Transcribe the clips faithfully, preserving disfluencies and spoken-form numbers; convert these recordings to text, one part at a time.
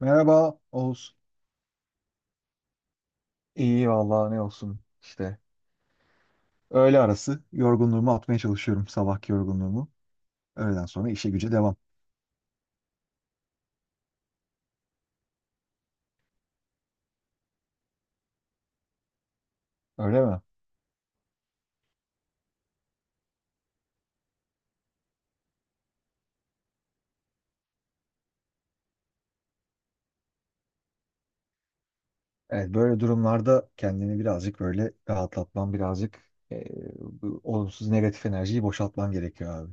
Merhaba Oğuz. İyi valla ne olsun işte. Öğle arası yorgunluğumu atmaya çalışıyorum. Sabahki yorgunluğumu. Öğleden sonra işe güce devam. Öyle mi? Evet, böyle durumlarda kendini birazcık böyle rahatlatman, birazcık e, bu olumsuz negatif enerjiyi boşaltman gerekiyor abi.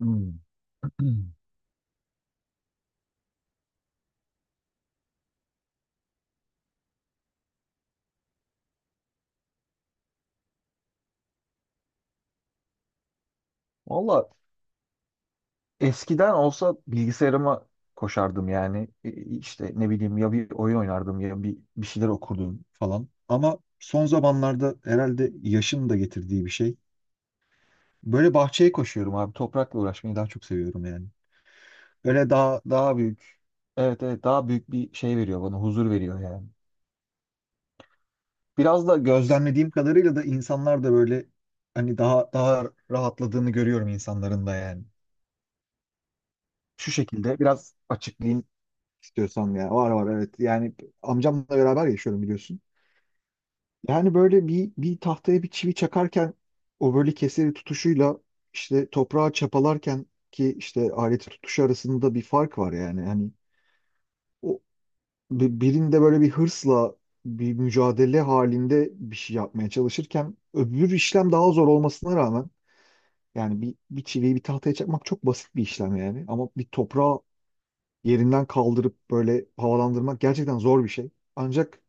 Hmm. Valla, eskiden olsa bilgisayarıma koşardım yani. E, işte ne bileyim, ya bir oyun oynardım ya bir, bir şeyler okurdum falan. Ama son zamanlarda herhalde yaşın da getirdiği bir şey. Böyle bahçeye koşuyorum abi. Toprakla uğraşmayı daha çok seviyorum yani. Böyle daha daha büyük. Evet evet, daha büyük bir şey veriyor bana. Huzur veriyor yani. Biraz da gözlemlediğim kadarıyla da insanlar da böyle hani daha daha rahatladığını görüyorum insanların da yani. Şu şekilde biraz açıklayayım istiyorsan ya. Var var, evet. Yani amcamla beraber yaşıyorum biliyorsun. Yani böyle bir, bir tahtaya bir çivi çakarken o böyle keseri tutuşuyla işte toprağa çapalarken ki işte aleti tutuşu arasında bir fark var yani. Yani o bi- birinde böyle bir hırsla bir mücadele halinde bir şey yapmaya çalışırken, öbür işlem daha zor olmasına rağmen, yani bir, bir çiviyi bir tahtaya çakmak çok basit bir işlem yani, ama bir toprağı yerinden kaldırıp böyle havalandırmak gerçekten zor bir şey. Ancak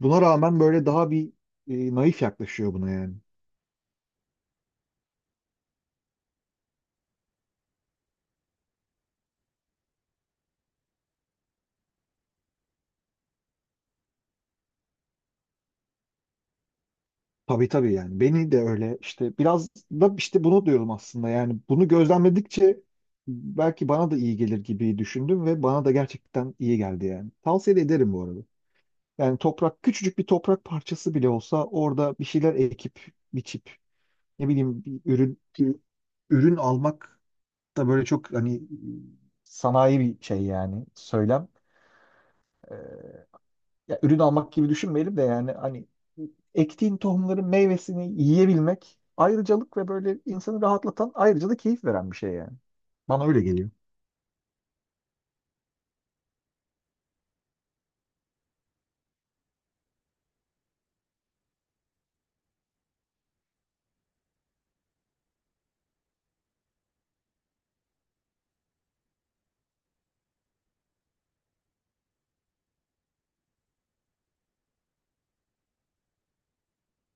buna rağmen böyle daha bir e, naif yaklaşıyor buna yani. Tabii tabii, yani beni de öyle işte, biraz da işte bunu diyorum aslında, yani bunu gözlemledikçe belki bana da iyi gelir gibi düşündüm ve bana da gerçekten iyi geldi yani. Tavsiye de ederim bu arada. Yani toprak, küçücük bir toprak parçası bile olsa orada bir şeyler ekip biçip, ne bileyim, bir ürün ürün almak da böyle çok hani sanayi bir şey yani söylem. Ya ürün almak gibi düşünmeyelim de, yani hani ektiğin tohumların meyvesini yiyebilmek ayrıcalık ve böyle insanı rahatlatan, ayrıca da keyif veren bir şey yani. Bana öyle geliyor.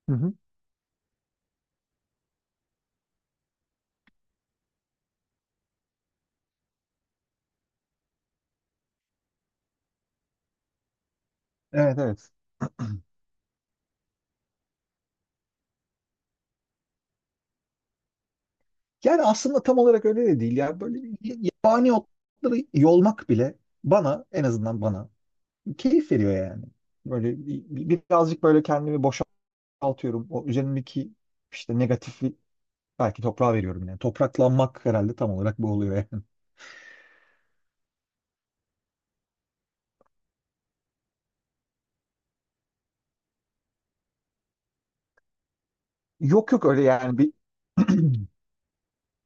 Hı hı. Evet evet. Yani aslında tam olarak öyle de değil ya. Böyle y- yabani otları yolmak bile bana, en azından bana keyif veriyor yani. Böyle bi- bi- birazcık böyle kendimi boşaltıyorum. O üzerimdeki işte negatifi belki toprağa veriyorum yani. Topraklanmak herhalde tam olarak bu oluyor yani. Yok yok, öyle yani.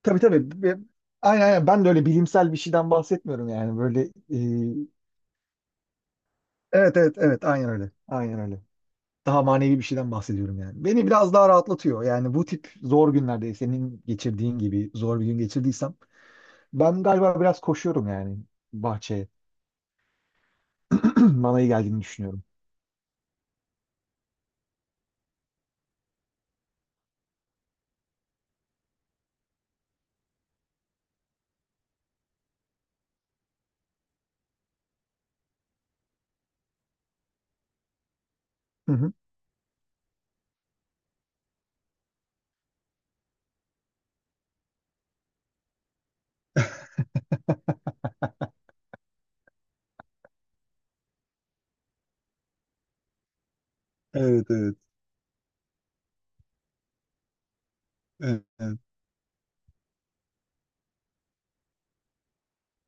Tabii tabii. Be- Aynen aynen. Ben de öyle bilimsel bir şeyden bahsetmiyorum yani. Böyle e, evet evet evet, aynen öyle. Aynen öyle. Daha manevi bir şeyden bahsediyorum yani. Beni biraz daha rahatlatıyor. Yani bu tip zor günlerde, senin geçirdiğin gibi zor bir gün geçirdiysem ben galiba biraz koşuyorum yani bahçeye. Bana iyi geldiğini düşünüyorum. Hı hı. Evet evet. Evet. Evet.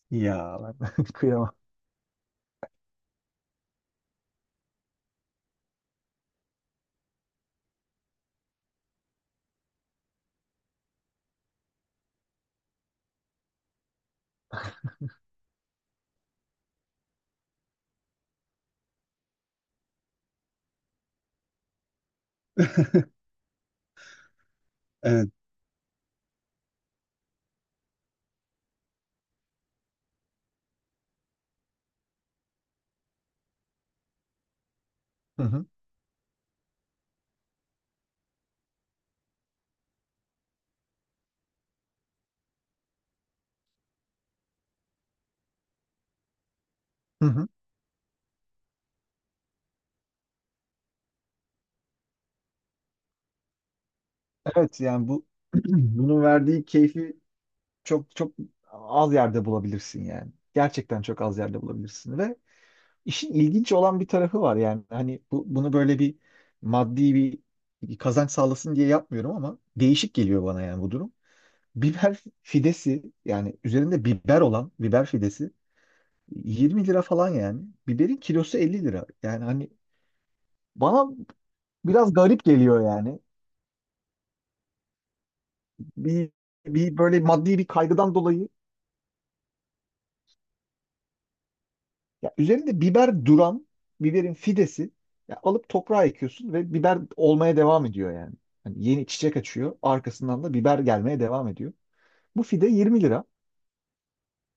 Ya, ben kıyamam. Evet. Hı hı. Hı hı. Evet yani bu, bunun verdiği keyfi çok çok az yerde bulabilirsin yani. Gerçekten çok az yerde bulabilirsin. Ve işin ilginç olan bir tarafı var yani. Hani bu, bunu böyle bir maddi bir, bir kazanç sağlasın diye yapmıyorum ama değişik geliyor bana yani bu durum. Biber fidesi, yani üzerinde biber olan biber fidesi yirmi lira falan yani. Biberin kilosu elli lira. Yani hani bana biraz garip geliyor yani. Bir, bir böyle maddi bir kaygıdan dolayı. Ya üzerinde biber duran biberin fidesi, ya alıp toprağa ekiyorsun ve biber olmaya devam ediyor yani. Hani yeni çiçek açıyor, arkasından da biber gelmeye devam ediyor. Bu fide yirmi lira.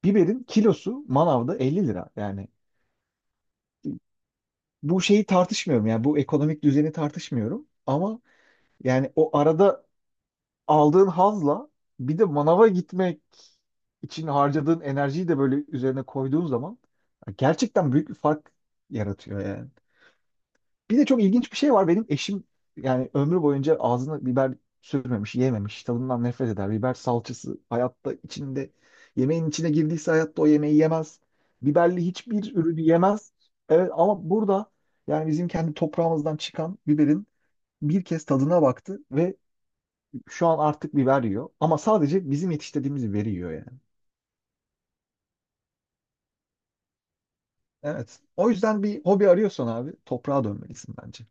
Biberin kilosu manavda elli lira. Yani bu şeyi tartışmıyorum, yani bu ekonomik düzeni tartışmıyorum ama yani o arada aldığın hazla, bir de manava gitmek için harcadığın enerjiyi de böyle üzerine koyduğun zaman gerçekten büyük bir fark yaratıyor yani. Bir de çok ilginç bir şey var. Benim eşim yani ömrü boyunca ağzına biber sürmemiş, yememiş. Tadından nefret eder. Biber salçası hayatta içinde, yemeğin içine girdiyse hayatta o yemeği yemez. Biberli hiçbir ürünü yemez. Evet ama burada, yani bizim kendi toprağımızdan çıkan biberin bir kez tadına baktı ve şu an artık biber yiyor. Ama sadece bizim yetiştirdiğimiz biberi yiyor yani. Evet. O yüzden bir hobi arıyorsan abi, toprağa dönmelisin bence.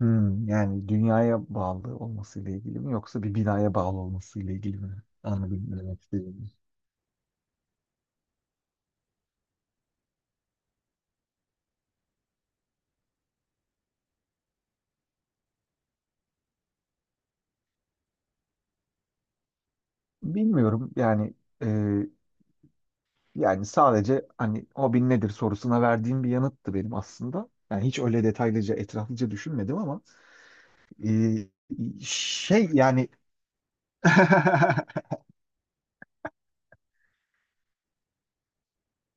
Hmm, yani dünyaya bağlı olmasıyla ilgili mi, yoksa bir binaya bağlı olmasıyla ilgili mi? Anladım ne demek istediğini. Bilmiyorum yani. e, Yani sadece hani hobin nedir sorusuna verdiğim bir yanıttı benim aslında. Yani hiç öyle detaylıca, etraflıca düşünmedim ama e, şey yani.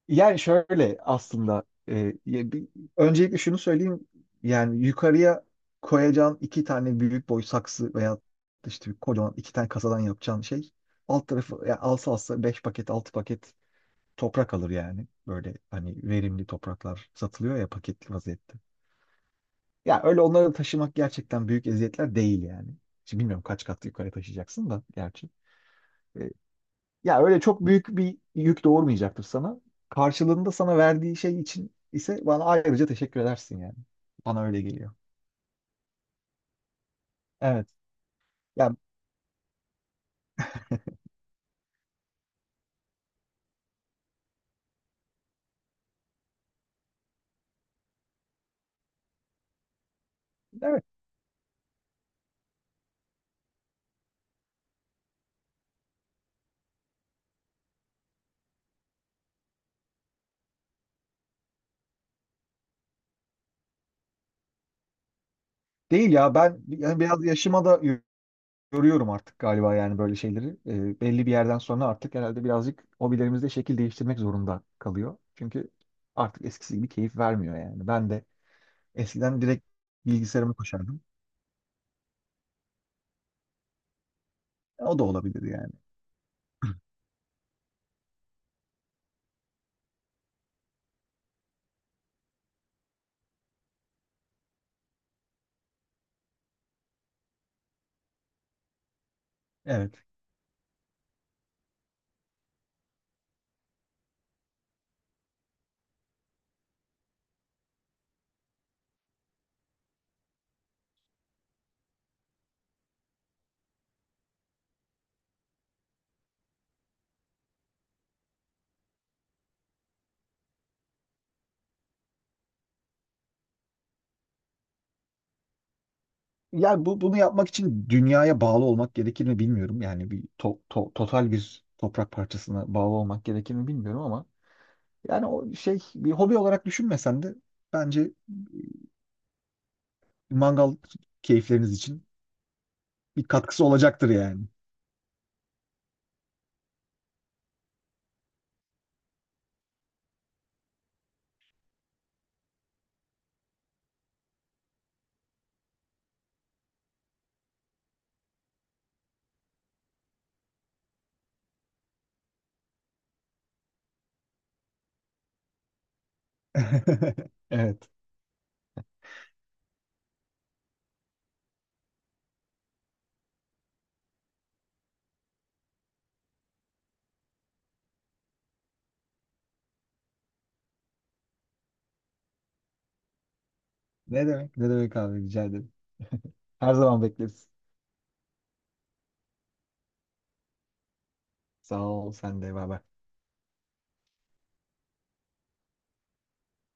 Yani şöyle aslında, e, ya bir- öncelikle şunu söyleyeyim, yani yukarıya koyacağın iki tane büyük boy saksı veya işte bir kocaman iki tane kasadan yapacağın şey, alt tarafı yani alsa alsa beş paket altı paket toprak alır yani. Böyle hani verimli topraklar satılıyor ya paketli vaziyette. Ya öyle onları taşımak gerçekten büyük eziyetler değil yani. Şimdi bilmiyorum kaç kat yukarı taşıyacaksın da gerçi. E, Ya öyle çok büyük bir yük doğurmayacaktır sana. Karşılığında sana verdiği şey için ise bana ayrıca teşekkür edersin yani. Bana öyle geliyor. Evet. Yani evet, değil ya. Ben yani biraz yaşıma da yo- yoruyorum artık galiba yani böyle şeyleri. Ee, belli bir yerden sonra artık herhalde birazcık hobilerimizde şekil değiştirmek zorunda kalıyor. Çünkü artık eskisi gibi keyif vermiyor yani. Ben de eskiden direkt bilgisayarıma koşardım. O da olabilir yani. Evet. Yani bu, bunu yapmak için dünyaya bağlı olmak gerekir mi bilmiyorum. Yani bir to- to- total bir toprak parçasına bağlı olmak gerekir mi bilmiyorum, ama yani o şey, bir hobi olarak düşünmesen de bence mangal keyifleriniz için bir katkısı olacaktır yani. Evet. Ne demek? Ne demek abi, rica ederim. Her zaman bekleriz. Sağ ol, sen de bay bay.